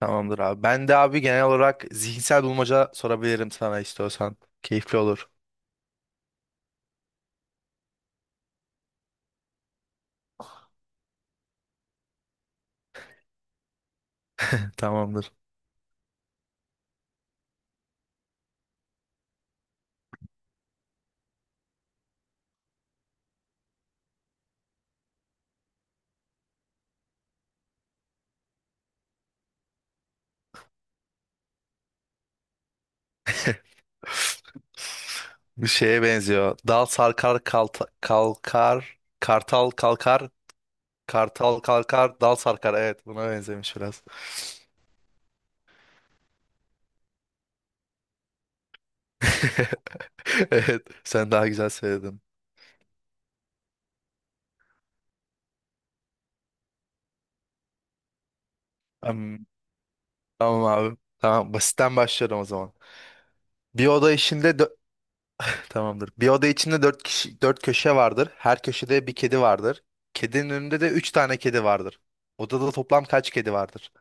Tamamdır abi. Ben de abi genel olarak zihinsel bulmaca sorabilirim sana istiyorsan. Keyifli olur. Tamamdır. Bir şeye benziyor. Dal sarkar kalkar, kartal kalkar, kartal kalkar, dal sarkar. Evet, buna benzemiş biraz. Evet, sen daha güzel söyledin. Am- Tamam abi. Tamam, basitten başlıyorum o zaman. Bir oda işinde Tamamdır. Bir oda içinde dört kişi, dört köşe vardır. Her köşede bir kedi vardır. Kedinin önünde de üç tane kedi vardır. Odada toplam kaç kedi vardır?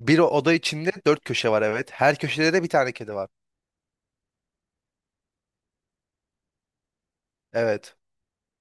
Bir oda içinde dört köşe var, evet. Her köşede de bir tane kedi var. Evet.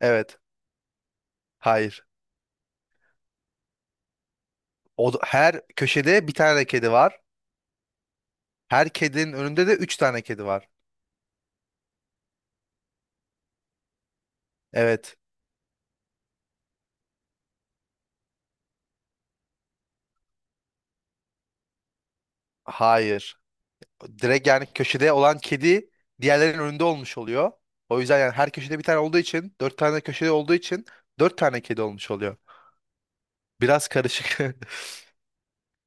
Evet. Hayır. Oda, her köşede bir tane kedi var. Her kedinin önünde de üç tane kedi var. Evet. Hayır. Direkt yani köşede olan kedi diğerlerinin önünde olmuş oluyor. O yüzden yani her köşede bir tane olduğu için, dört tane köşede olduğu için dört tane kedi olmuş oluyor. Biraz karışık.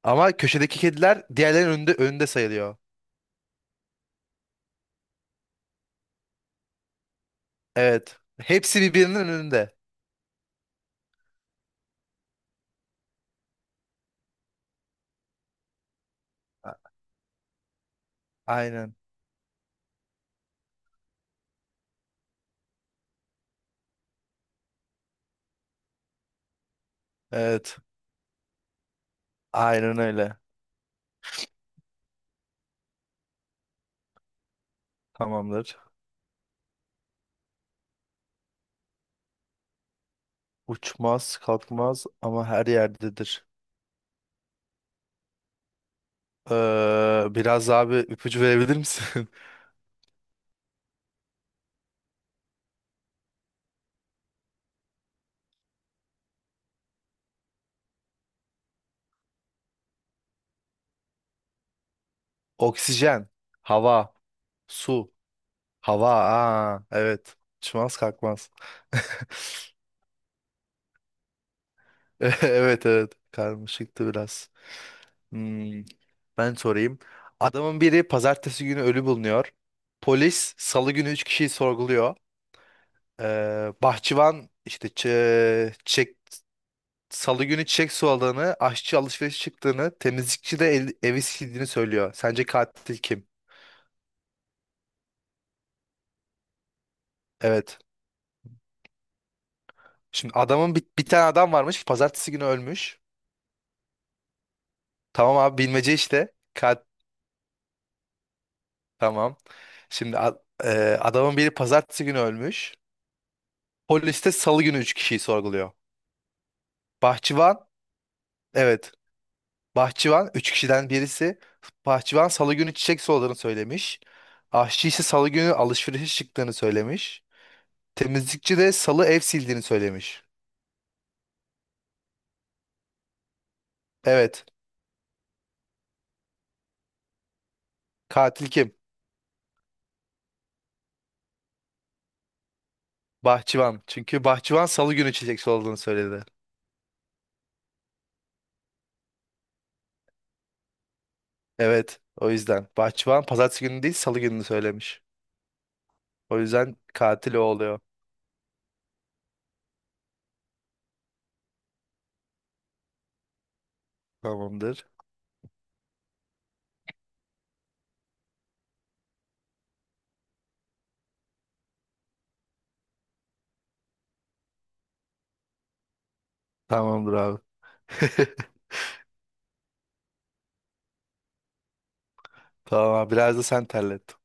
Ama köşedeki kediler diğerlerinin önünde sayılıyor. Evet. Hepsi birbirinin önünde. A- Aynen. Evet. Aynen öyle. Tamamdır. Uçmaz, kalkmaz ama her yerdedir. Biraz daha bir ipucu verebilir misin? Oksijen, hava, su, hava. Aa, evet. Uçmaz, kalkmaz. Evet, evet, karmaşıktı biraz. Hmm, ben sorayım. Adamın biri pazartesi günü ölü bulunuyor. Polis salı günü 3 kişiyi sorguluyor. Bahçıvan işte çek, salı günü çiçek suladığını, aşçı alışveriş çıktığını, temizlikçi de evi sildiğini söylüyor. Sence katil kim? Evet. Şimdi adamın bir tane adam varmış. Pazartesi günü ölmüş. Tamam abi bilmece işte. Tamam. Şimdi adamın biri pazartesi günü ölmüş. Polis de salı günü 3 kişiyi sorguluyor. Bahçıvan, evet. Bahçıvan 3 kişiden birisi. Bahçıvan salı günü çiçek soladığını söylemiş. Aşçı ise salı günü alışverişe çıktığını söylemiş. Temizlikçi de salı ev sildiğini söylemiş. Evet. Katil kim? Bahçıvan. Çünkü bahçıvan salı günü çiçek soladığını söyledi. Evet. O yüzden. Bahçıvan pazartesi günü değil salı gününü söylemiş. O yüzden katil o oluyor. Tamamdır. Tamamdır abi. Tamam abi. Biraz da sen terlet.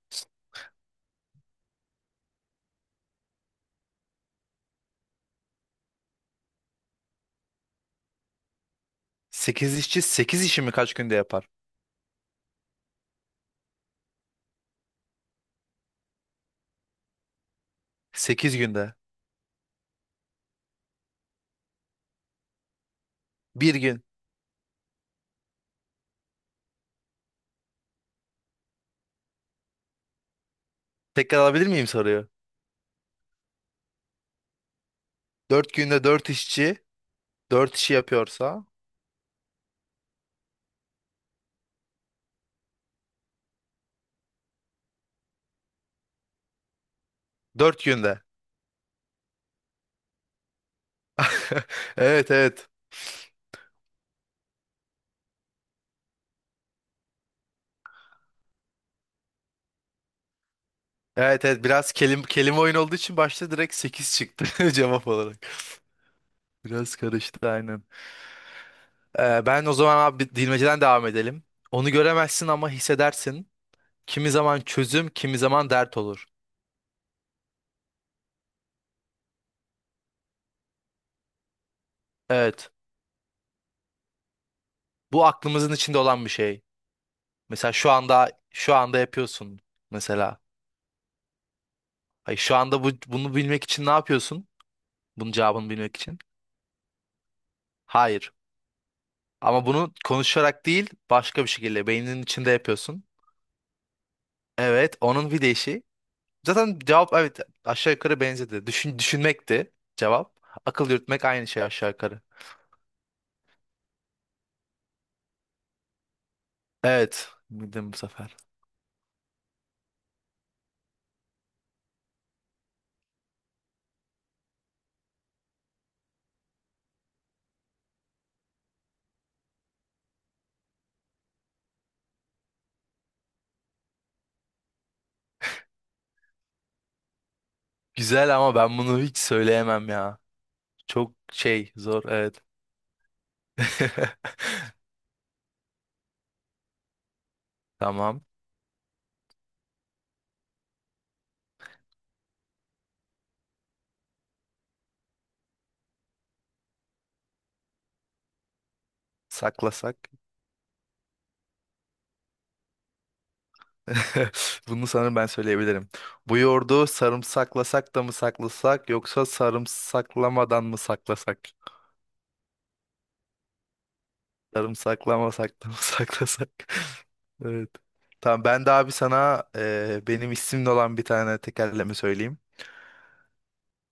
8 işçi 8 işimi kaç günde yapar? 8 günde. Bir gün. Tekrar alabilir miyim soruyu? 4 günde 4 işçi 4 işi yapıyorsa 4 günde. Evet, evet. Evet, evet, biraz kelime oyun olduğu için başta direkt 8 çıktı cevap olarak. Biraz karıştı aynen. Ben o zaman abi bilmeceden devam edelim. Onu göremezsin ama hissedersin. Kimi zaman çözüm, kimi zaman dert olur. Evet. Bu aklımızın içinde olan bir şey. Mesela şu anda yapıyorsun mesela. Hayır, şu anda bunu bilmek için ne yapıyorsun? Bunun cevabını bilmek için. Hayır. Ama bunu konuşarak değil, başka bir şekilde beyninin içinde yapıyorsun. Evet, onun bir değişi. Zaten cevap evet aşağı yukarı benzedi. Düşünmekti cevap. Akıl yürütmek aynı şey aşağı yukarı. Evet, bildim bu sefer. Güzel ama ben bunu hiç söyleyemem ya. Çok zor evet. Tamam. Saklasak. Bunu sanırım ben söyleyebilirim. Bu yoğurdu sarımsaklasak da mı saklasak yoksa sarımsaklamadan mı saklasak? Sarımsaklamasak da mı saklasak? Evet. Tamam ben de abi sana benim isimli olan bir tane tekerleme söyleyeyim.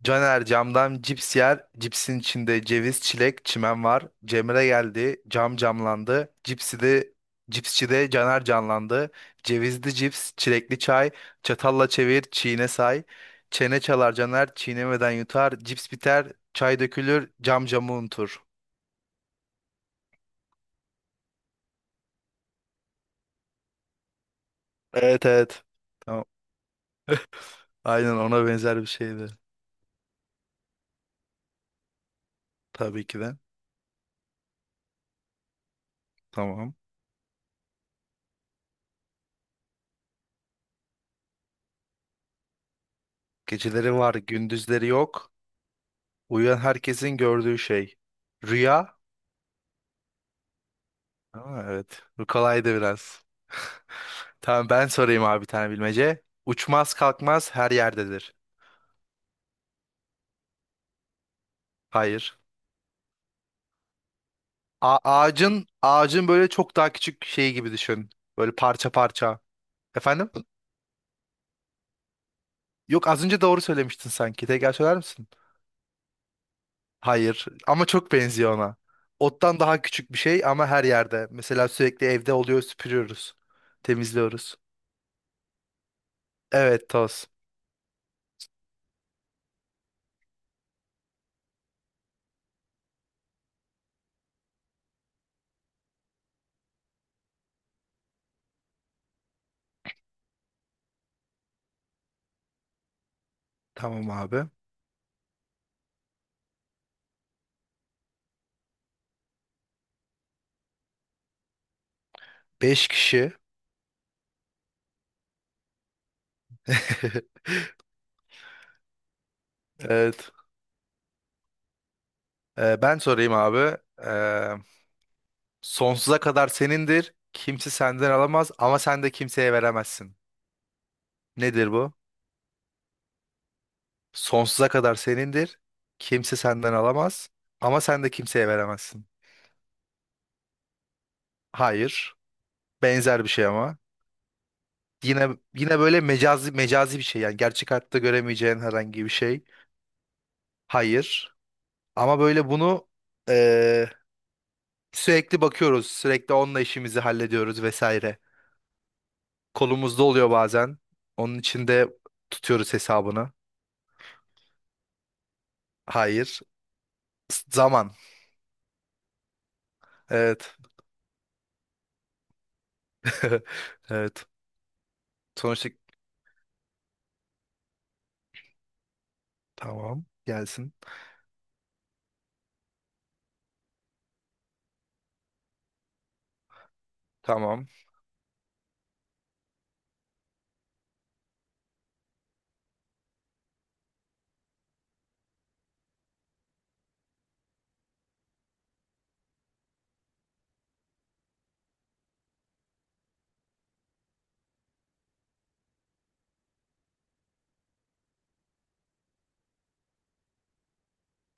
Caner camdan cips yer. Cipsin içinde ceviz, çilek, çimen var. Cemre geldi. Cam camlandı. Cipsi de cipsçi de Caner canlandı. Cevizli cips, çilekli çay. Çatalla çevir, çiğne say. Çene çalar Caner, çiğnemeden yutar. Cips biter, çay dökülür, cam camı unutur. Evet, evet. Tamam. Aynen ona benzer bir şeydi. Tabii ki de. Tamam. Geceleri var, gündüzleri yok. Uyuyan herkesin gördüğü şey. Rüya, aa, evet. Bu kolaydı biraz. Tamam ben sorayım abi bir tane bilmece. Uçmaz kalkmaz her yerdedir. Hayır. Ağacın böyle çok daha küçük şeyi gibi düşün. Böyle parça parça. Efendim? Yok az önce doğru söylemiştin sanki. Tekrar söyler misin? Hayır. Ama çok benziyor ona. Ottan daha küçük bir şey ama her yerde. Mesela sürekli evde oluyor, süpürüyoruz. Temizliyoruz. Evet, toz. Tamam abi. Beş kişi. Evet. Ben sorayım abi. Ee, sonsuza kadar senindir. Kimse senden alamaz ama sen de kimseye veremezsin. Nedir bu? Sonsuza kadar senindir. Kimse senden alamaz ama sen de kimseye veremezsin. Hayır. Benzer bir şey ama. Yine yine böyle mecazi mecazi bir şey, yani gerçek hayatta göremeyeceğin herhangi bir şey. Hayır. Ama böyle bunu eee, sürekli bakıyoruz. Sürekli onunla işimizi hallediyoruz vesaire. Kolumuzda oluyor bazen. Onun için de tutuyoruz hesabını. Hayır. Zaman. Evet. Evet. Sonuçta tamam. Gelsin. Tamam.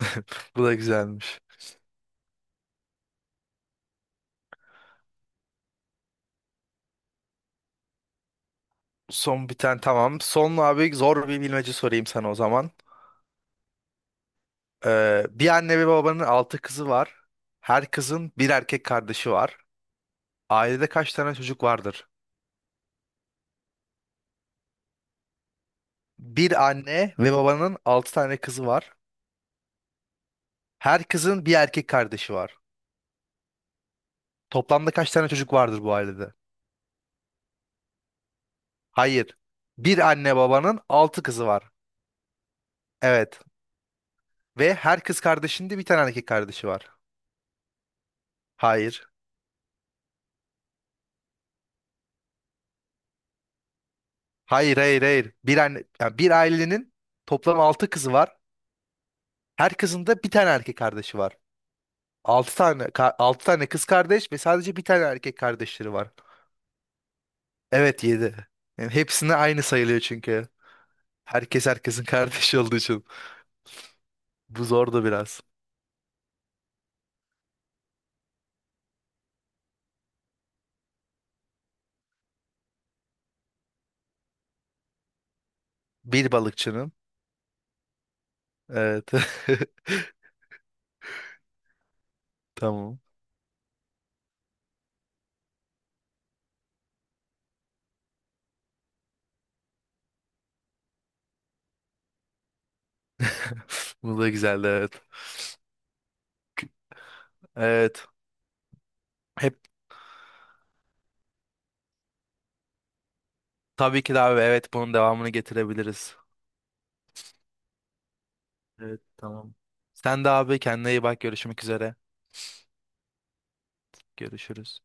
Bu da güzelmiş. Son bir tane tamam. Son abi zor bir bilmece sorayım sana o zaman. Bir anne ve babanın altı kızı var. Her kızın bir erkek kardeşi var. Ailede kaç tane çocuk vardır? Bir anne ve babanın altı tane kızı var. Her kızın bir erkek kardeşi var. Toplamda kaç tane çocuk vardır bu ailede? Hayır. Bir anne babanın altı kızı var. Evet. Ve her kız kardeşinde bir tane erkek kardeşi var. Hayır. Hayır, hayır, hayır. Bir anne, yani bir ailenin toplam altı kızı var. Her kızın da bir tane erkek kardeşi var. Altı tane, altı tane kız kardeş ve sadece bir tane erkek kardeşleri var. Evet, yedi. Yani hepsine aynı sayılıyor çünkü. Herkes herkesin kardeşi olduğu için. Bu zordu biraz. Bir balıkçının. Evet. Tamam. Bu da güzeldi, evet. Evet. Hep tabii ki de abi, evet, bunun devamını getirebiliriz. Evet, tamam. Sen de abi kendine iyi bak, görüşmek üzere. Görüşürüz.